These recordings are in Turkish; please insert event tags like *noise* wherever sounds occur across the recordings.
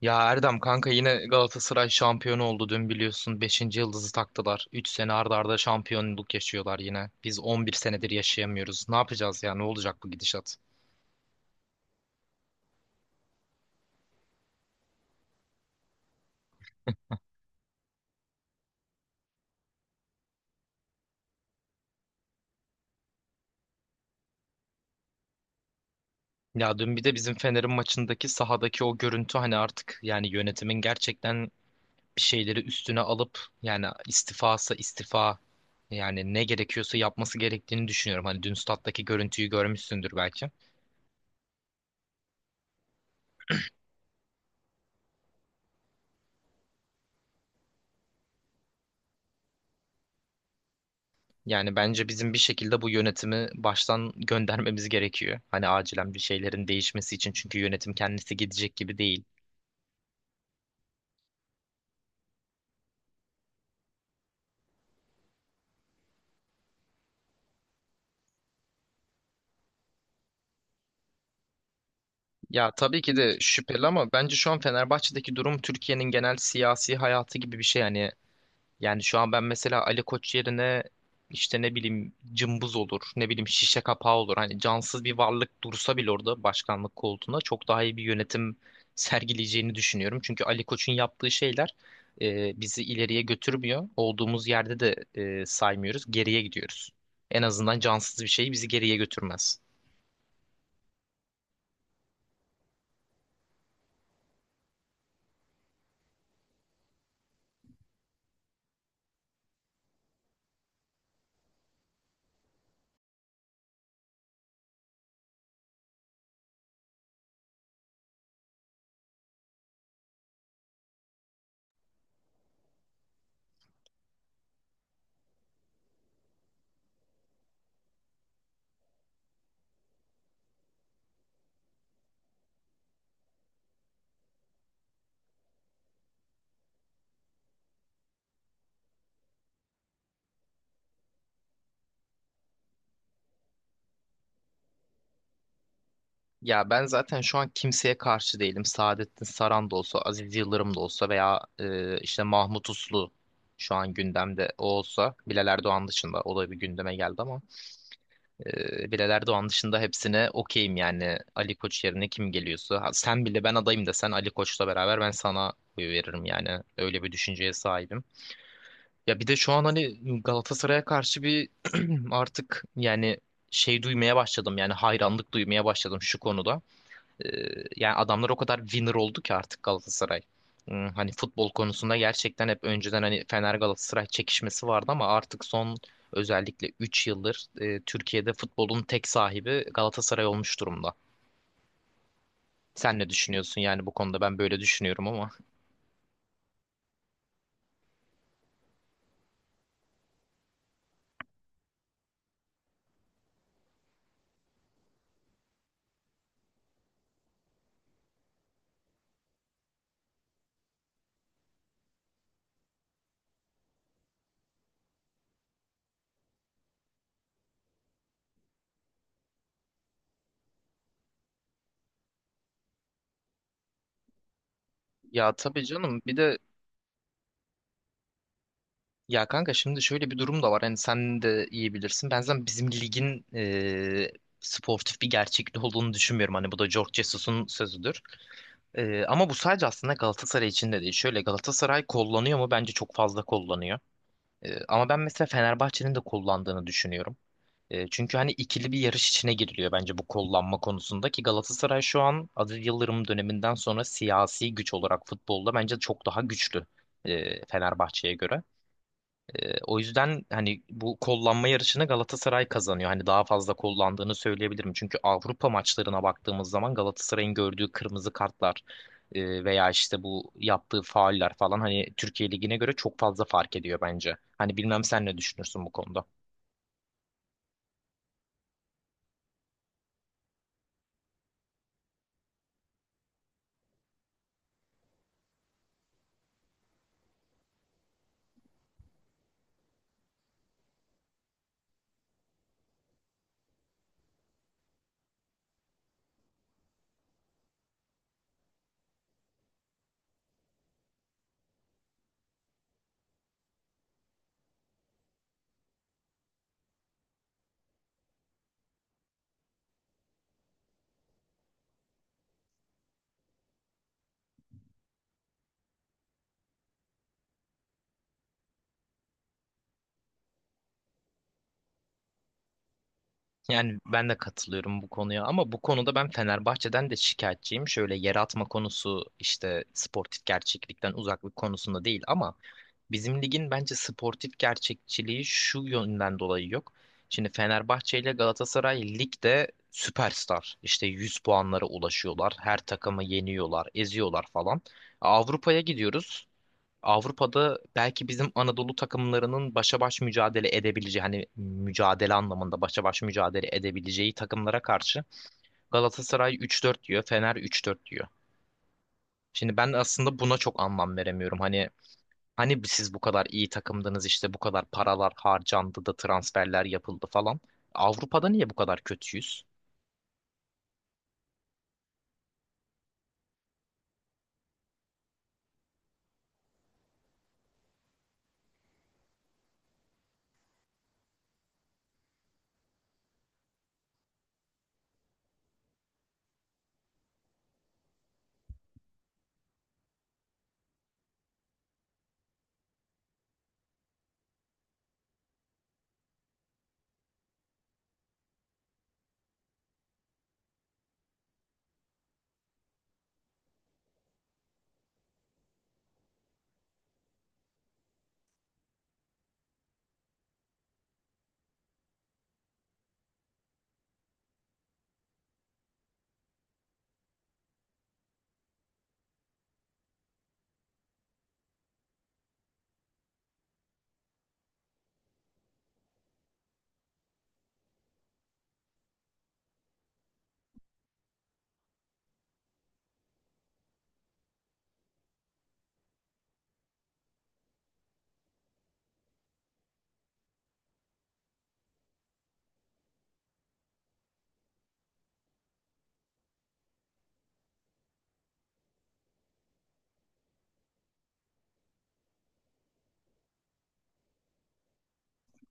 Ya Erdem kanka yine Galatasaray şampiyon oldu dün biliyorsun beşinci yıldızı taktılar. 3 sene arda arda şampiyonluk yaşıyorlar yine. Biz 11 senedir yaşayamıyoruz. Ne yapacağız ya, ne olacak bu gidişat? Ya dün bir de bizim Fener'in maçındaki sahadaki o görüntü, hani artık yani yönetimin gerçekten bir şeyleri üstüne alıp yani istifa, yani ne gerekiyorsa yapması gerektiğini düşünüyorum. Hani dün stattaki görüntüyü görmüşsündür belki. Yani bence bizim bir şekilde bu yönetimi baştan göndermemiz gerekiyor. Hani acilen bir şeylerin değişmesi için, çünkü yönetim kendisi gidecek gibi değil. Ya tabii ki de şüpheli ama bence şu an Fenerbahçe'deki durum Türkiye'nin genel siyasi hayatı gibi bir şey. Yani şu an ben mesela Ali Koç yerine işte ne bileyim cımbız olur, ne bileyim şişe kapağı olur. Hani cansız bir varlık dursa bile orada başkanlık koltuğuna çok daha iyi bir yönetim sergileyeceğini düşünüyorum. Çünkü Ali Koç'un yaptığı şeyler bizi ileriye götürmüyor. Olduğumuz yerde de saymıyoruz, geriye gidiyoruz. En azından cansız bir şey bizi geriye götürmez. Ya ben zaten şu an kimseye karşı değilim. Saadettin Saran da olsa, Aziz Yıldırım da olsa veya işte Mahmut Uslu şu an gündemde o olsa. Bilal Erdoğan dışında, o da bir gündeme geldi ama Bilal Erdoğan dışında hepsine okeyim yani. Ali Koç yerine kim geliyorsa. Ha, sen bile ben adayım desen Ali Koç'la beraber ben sana oy veririm yani. Öyle bir düşünceye sahibim. Ya bir de şu an hani Galatasaray'a karşı bir *clears throat* artık yani şey duymaya başladım, yani hayranlık duymaya başladım şu konuda. Yani adamlar o kadar winner oldu ki artık Galatasaray. Hani futbol konusunda gerçekten hep önceden hani Fener Galatasaray çekişmesi vardı ama artık son, özellikle 3 yıldır Türkiye'de futbolun tek sahibi Galatasaray olmuş durumda. Sen ne düşünüyorsun yani bu konuda, ben böyle düşünüyorum ama. Ya tabii canım bir de, ya kanka şimdi şöyle bir durum da var, hani sen de iyi bilirsin. Ben zaten bizim ligin sportif bir gerçekliği olduğunu düşünmüyorum. Hani bu da George Jesus'un sözüdür. Ama bu sadece aslında Galatasaray için de değil. Şöyle, Galatasaray kullanıyor mu? Bence çok fazla kullanıyor. Ama ben mesela Fenerbahçe'nin de kullandığını düşünüyorum. Çünkü hani ikili bir yarış içine giriliyor bence bu kullanma konusunda ki Galatasaray şu an Aziz Yıldırım döneminden sonra siyasi güç olarak futbolda bence çok daha güçlü Fenerbahçe'ye göre. O yüzden hani bu kollanma yarışını Galatasaray kazanıyor. Hani daha fazla kollandığını söyleyebilirim. Çünkü Avrupa maçlarına baktığımız zaman Galatasaray'ın gördüğü kırmızı kartlar veya işte bu yaptığı fauller falan hani Türkiye Ligi'ne göre çok fazla fark ediyor bence. Hani bilmem sen ne düşünürsün bu konuda. Yani ben de katılıyorum bu konuya ama bu konuda ben Fenerbahçe'den de şikayetçiyim. Şöyle, yer atma konusu işte sportif gerçeklikten uzaklık konusunda değil ama bizim ligin bence sportif gerçekçiliği şu yönden dolayı yok. Şimdi Fenerbahçe ile Galatasaray ligde süperstar. İşte 100 puanlara ulaşıyorlar. Her takımı yeniyorlar, eziyorlar falan. Avrupa'ya gidiyoruz. Avrupa'da belki bizim Anadolu takımlarının başa baş mücadele edebileceği, hani mücadele anlamında başa baş mücadele edebileceği takımlara karşı Galatasaray 3-4 diyor, Fener 3-4 diyor. Şimdi ben aslında buna çok anlam veremiyorum. Hani siz bu kadar iyi takımdınız işte, bu kadar paralar harcandı da transferler yapıldı falan. Avrupa'da niye bu kadar kötüyüz?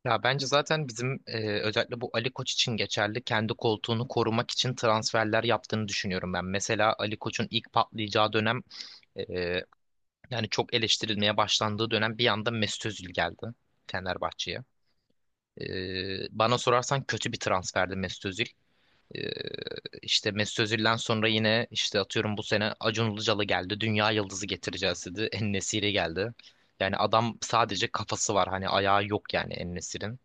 Ya bence zaten bizim özellikle bu Ali Koç için geçerli, kendi koltuğunu korumak için transferler yaptığını düşünüyorum ben. Mesela Ali Koç'un ilk patlayacağı dönem e, yani çok eleştirilmeye başlandığı dönem bir anda Mesut Özil geldi Fenerbahçe'ye. Bana sorarsan kötü bir transferdi Mesut Özil. Ee, işte Mesut Özil'den sonra yine işte atıyorum bu sene Acun Ilıcalı geldi. Dünya yıldızı getireceğiz dedi. En-Nesyri geldi. Yani adam sadece kafası var. Hani ayağı yok yani En-Nesyri'nin.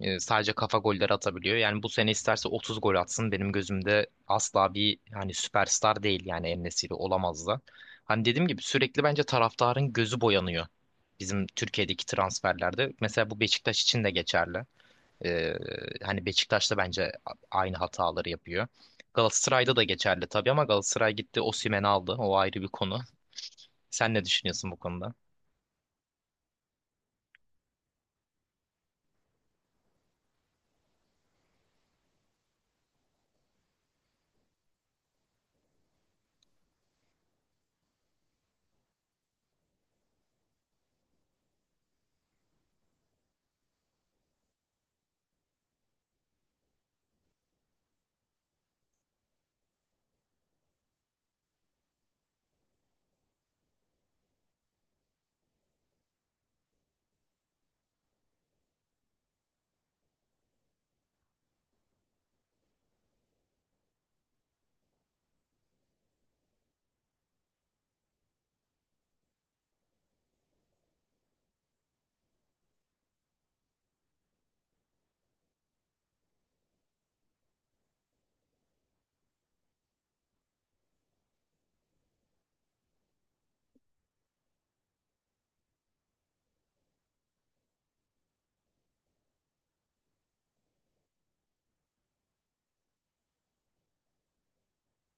Sadece kafa golleri atabiliyor. Yani bu sene isterse 30 gol atsın. Benim gözümde asla bir hani süperstar değil, yani En-Nesyri olamaz da. Hani dediğim gibi sürekli bence taraftarın gözü boyanıyor, bizim Türkiye'deki transferlerde. Mesela bu Beşiktaş için de geçerli. Ee, Hani Beşiktaş'ta bence aynı hataları yapıyor. Galatasaray'da da geçerli tabii ama Galatasaray gitti Osimhen'i aldı. O ayrı bir konu. Sen ne düşünüyorsun bu konuda?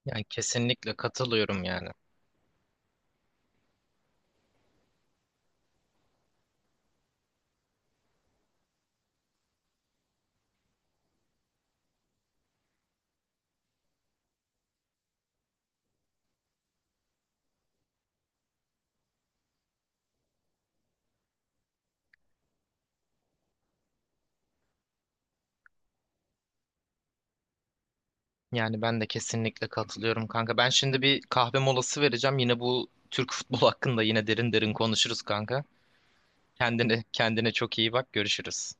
Yani kesinlikle katılıyorum yani. Yani ben de kesinlikle katılıyorum kanka. Ben şimdi bir kahve molası vereceğim. Yine bu Türk futbol hakkında yine derin derin konuşuruz kanka. Kendine çok iyi bak. Görüşürüz.